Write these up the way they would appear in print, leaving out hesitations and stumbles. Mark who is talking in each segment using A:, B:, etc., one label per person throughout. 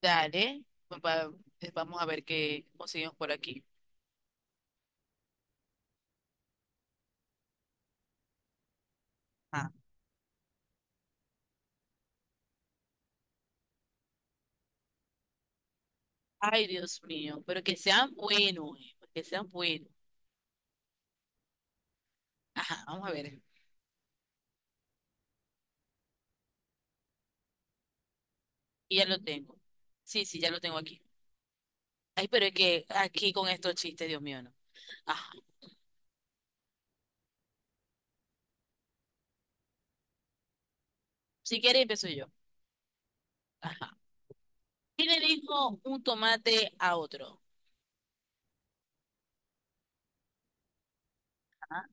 A: Dale, pues vamos a ver qué conseguimos por aquí. Ah, ay, Dios mío, pero que sean buenos, que sean buenos. Ajá, vamos a ver. Y ya lo tengo. Sí, sí, ya lo tengo aquí. Ay, pero es que aquí con estos chistes, Dios mío, no. Ajá. Si quieres, empiezo yo. Ajá. ¿Qué le dijo un tomate a otro? Ah,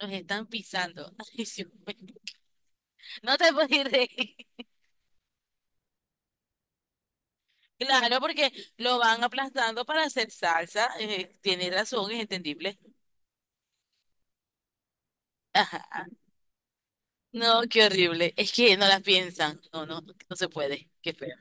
A: nos están pisando. Ay, Dios mío. No te puedes reír. Claro, porque lo van aplastando para hacer salsa. Tienes razón, es entendible. Ajá. No, qué horrible. Es que no las piensan. No, no, no se puede. Qué feo.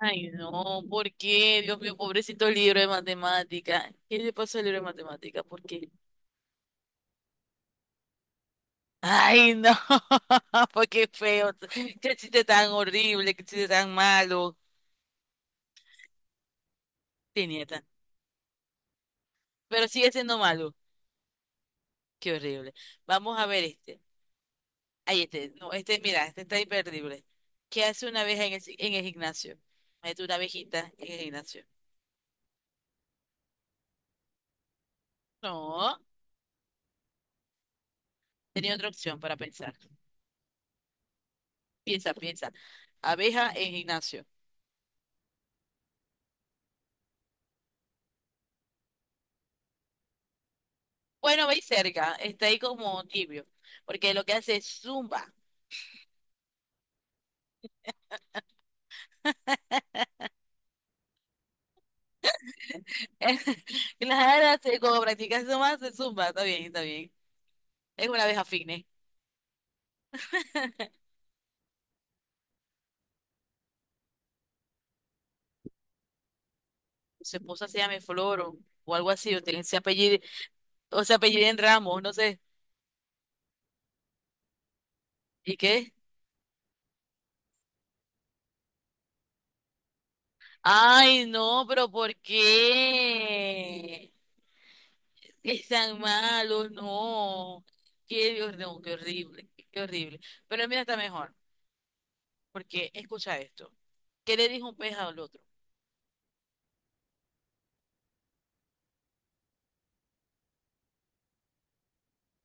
A: Ay, no, ¿por qué? Dios mío, pobrecito libro de matemática. ¿Qué le pasó al libro de matemática? ¿Por qué? Ay, no, pues qué feo. Qué chiste tan horrible, qué chiste tan malo. Tenía tan. Pero sigue siendo malo. Qué horrible. Vamos a ver este. Ahí este. No, este, mira, este está imperdible. ¿Qué hace una abeja en en el gimnasio? Mete una abejita en el gimnasio. No, tenía otra opción para pensar. Piensa, piensa. Abeja en gimnasio. Bueno, veis cerca, está ahí como tibio, porque lo que hace es zumba. Claro, como practica zumba, se zumba, está bien, está bien. Es una abeja fitness. Su esposa se llama Flor o algo así, o tiene ese apellido, o se apellida en Ramos, no sé. ¿Y qué? Ay, no, pero ¿por qué? Es tan malo, no. No, qué horrible, qué horrible. Pero mira, está mejor. Porque, escucha esto, ¿qué le dijo un pez al otro?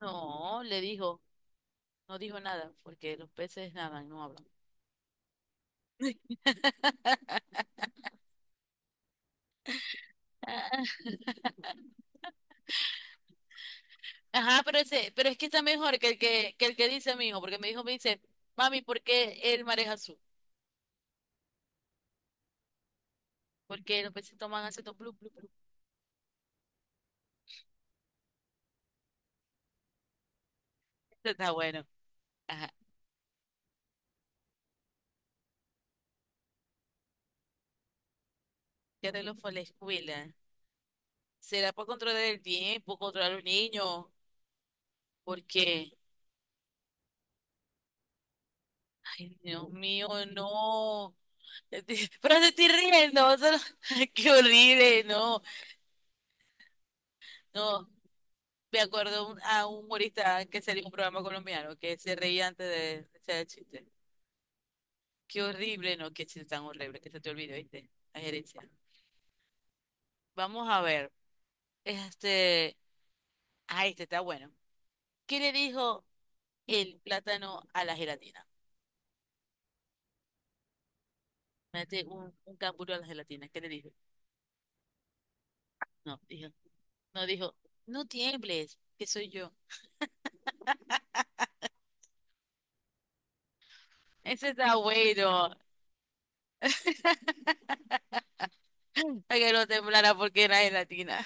A: No, le dijo, no dijo nada, porque los peces nadan, no hablan. Ah, ajá, pero, ese, pero es que está mejor que el que el que dice mi hijo, porque mi hijo me dice, mami, ¿por qué el mar es azul? Porque los peces toman aceto, blu, blu, blu. Está bueno. Ajá, ya te lo fue a la escuela. ¿Será por controlar el tiempo, controlar a los niños? Porque, ay, Dios mío, no. Estoy- pero te estoy riendo, o sea, qué horrible, no. No, me acuerdo a un humorista que salió en un programa colombiano que se reía antes de echar el chiste. Qué horrible, no, qué chiste tan horrible, que se te olvide, ¿viste? La gerencia. Vamos a ver. Este, ah, este está bueno. ¿Qué le dijo el plátano a la gelatina? Mete un canguro a la gelatina. ¿Qué le dijo? No, dijo, no dijo, no tiembles, que soy yo. Ese está bueno. Para que no temblara porque era gelatina.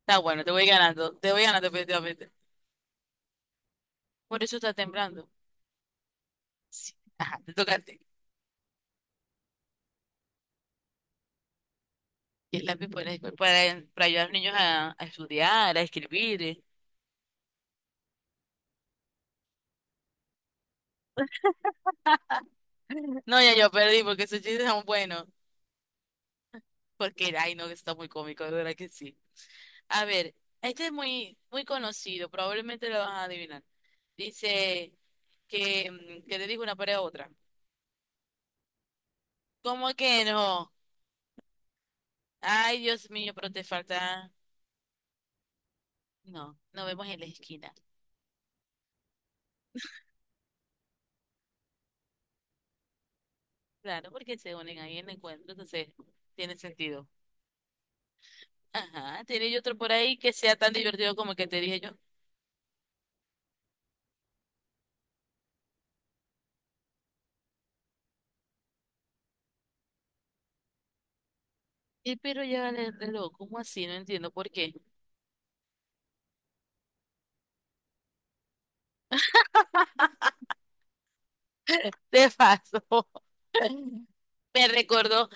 A: Está bueno, te voy ganando definitivamente. Por eso está temblando. Sí. Ajá, te tocaste. Y el lápiz para ayudar a los niños a estudiar, a escribir. No, ya yo perdí porque esos chistes son buenos. Porque, ay, no, que está muy cómico, de verdad que sí. A ver, este es muy, muy conocido, probablemente lo vas a adivinar. Dice que, que le dijo una pared a otra. ¿Cómo que no? Ay, Dios mío, pero te falta. No, nos vemos en la esquina. Claro, porque se unen ahí en el encuentro, entonces tiene sentido. Ajá, tiene otro por ahí que sea tan divertido como el que te dije yo. Y pero ya vale el reloj, ¿cómo así? No entiendo por qué. Te pasó. Me recordó,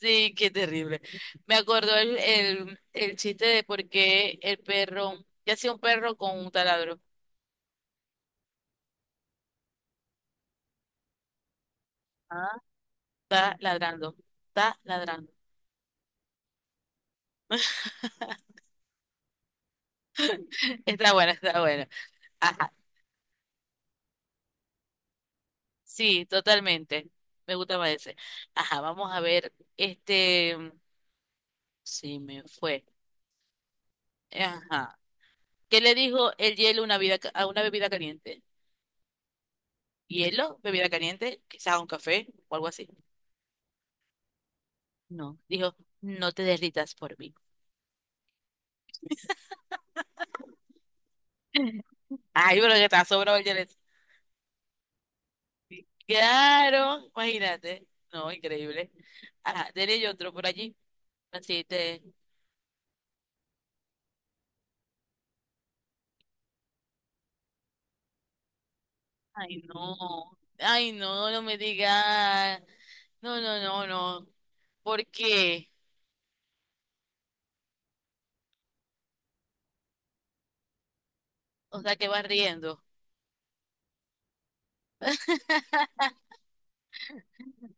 A: sí, qué terrible. Me acordó el chiste de por qué el perro, ¿qué hacía un perro con un taladro? Ah. Está ladrando, está ladrando. Está bueno, está bueno. Ajá, sí, totalmente. Me gustaba ese. Ajá, vamos a ver. Este, sí, me fue. Ajá. ¿Qué le dijo el hielo a una a una bebida caliente? Hielo, bebida caliente, quizás un café o algo así. No, dijo, no te derritas por mí. Ay, pero ya está sobrado el hielo. Claro, imagínate. No, increíble. Ajá, dele yo otro por allí. Así te... Ay, no. Ay, no, no me digas. No, no, no, no. ¿Por qué? O sea, que vas riendo.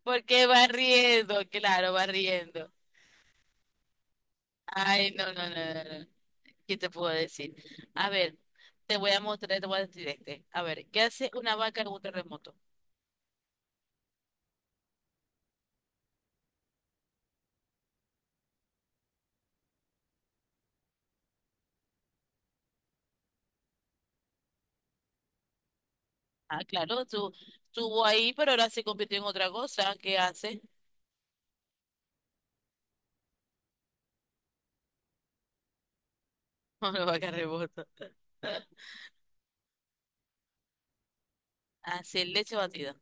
A: ¿Por qué vas riendo? Claro, vas riendo. Ay, no, no, no, no. No. ¿Qué te puedo decir? A ver, te voy a mostrar, te voy a decir este. A ver, ¿qué hace una vaca en un terremoto? Ah, claro, tú, estuvo ahí, pero ahora se convirtió en otra cosa. ¿Qué hace? Una vaca rebota. Hace leche batida.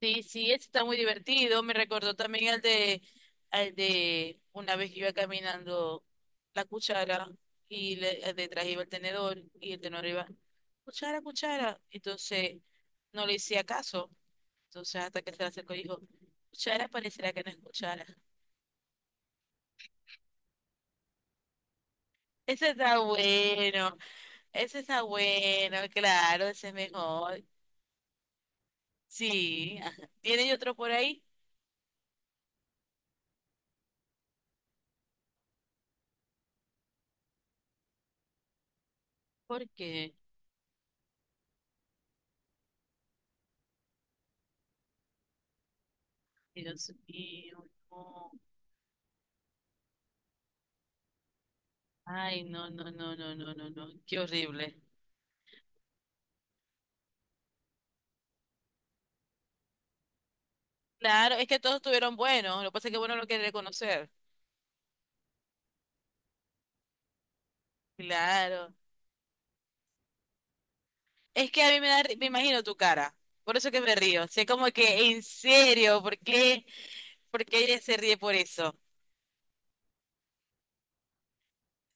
A: Sí, sí, ese está muy divertido. Me recordó también al de una vez que iba caminando la cuchara y le, detrás iba el tenedor y el tenedor iba, cuchara, cuchara. Entonces no le hacía caso. Entonces, hasta que se le acercó y dijo, escuchara, pareciera que no escuchara. Ese está bueno, ese está bueno, claro, ese es mejor. Sí, ajá. ¿Tiene otro por ahí? ¿Por qué? Dios mío, no. Ay, no, no, no, no, no, no, no, qué horrible. Claro, es que todos estuvieron buenos, lo que pasa es que bueno lo quiere reconocer. Claro. Es que a mí me da, me imagino tu cara, por eso que me río. Sé como que, en serio, ¿por qué? ¿Por qué ella se ríe por eso?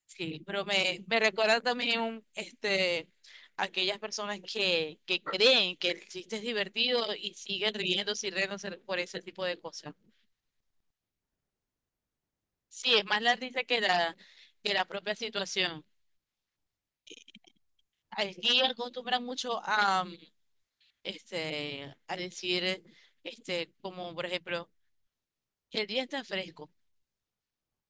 A: Sí, pero me recuerda también un, este, aquellas personas que creen que el chiste es divertido y siguen riéndose y riéndose por ese tipo de cosas. Sí, es más la risa que la propia situación. Aquí acostumbran mucho a, este, a decir, este, como por ejemplo, el día está fresco.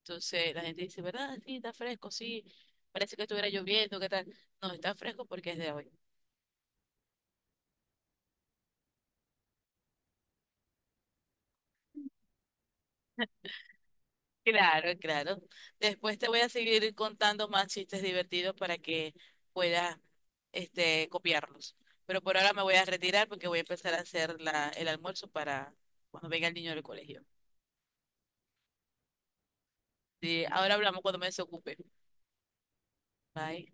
A: Entonces la gente dice, ¿verdad? Sí, está fresco, sí. Parece que estuviera lloviendo, ¿qué tal? No, está fresco porque es de hoy. Claro, claro. Después te voy a seguir contando más chistes divertidos para que puedas este, copiarlos. Pero por ahora me voy a retirar porque voy a empezar a hacer la, el almuerzo para cuando venga el niño del colegio. Sí, ahora hablamos cuando me desocupe. Bye.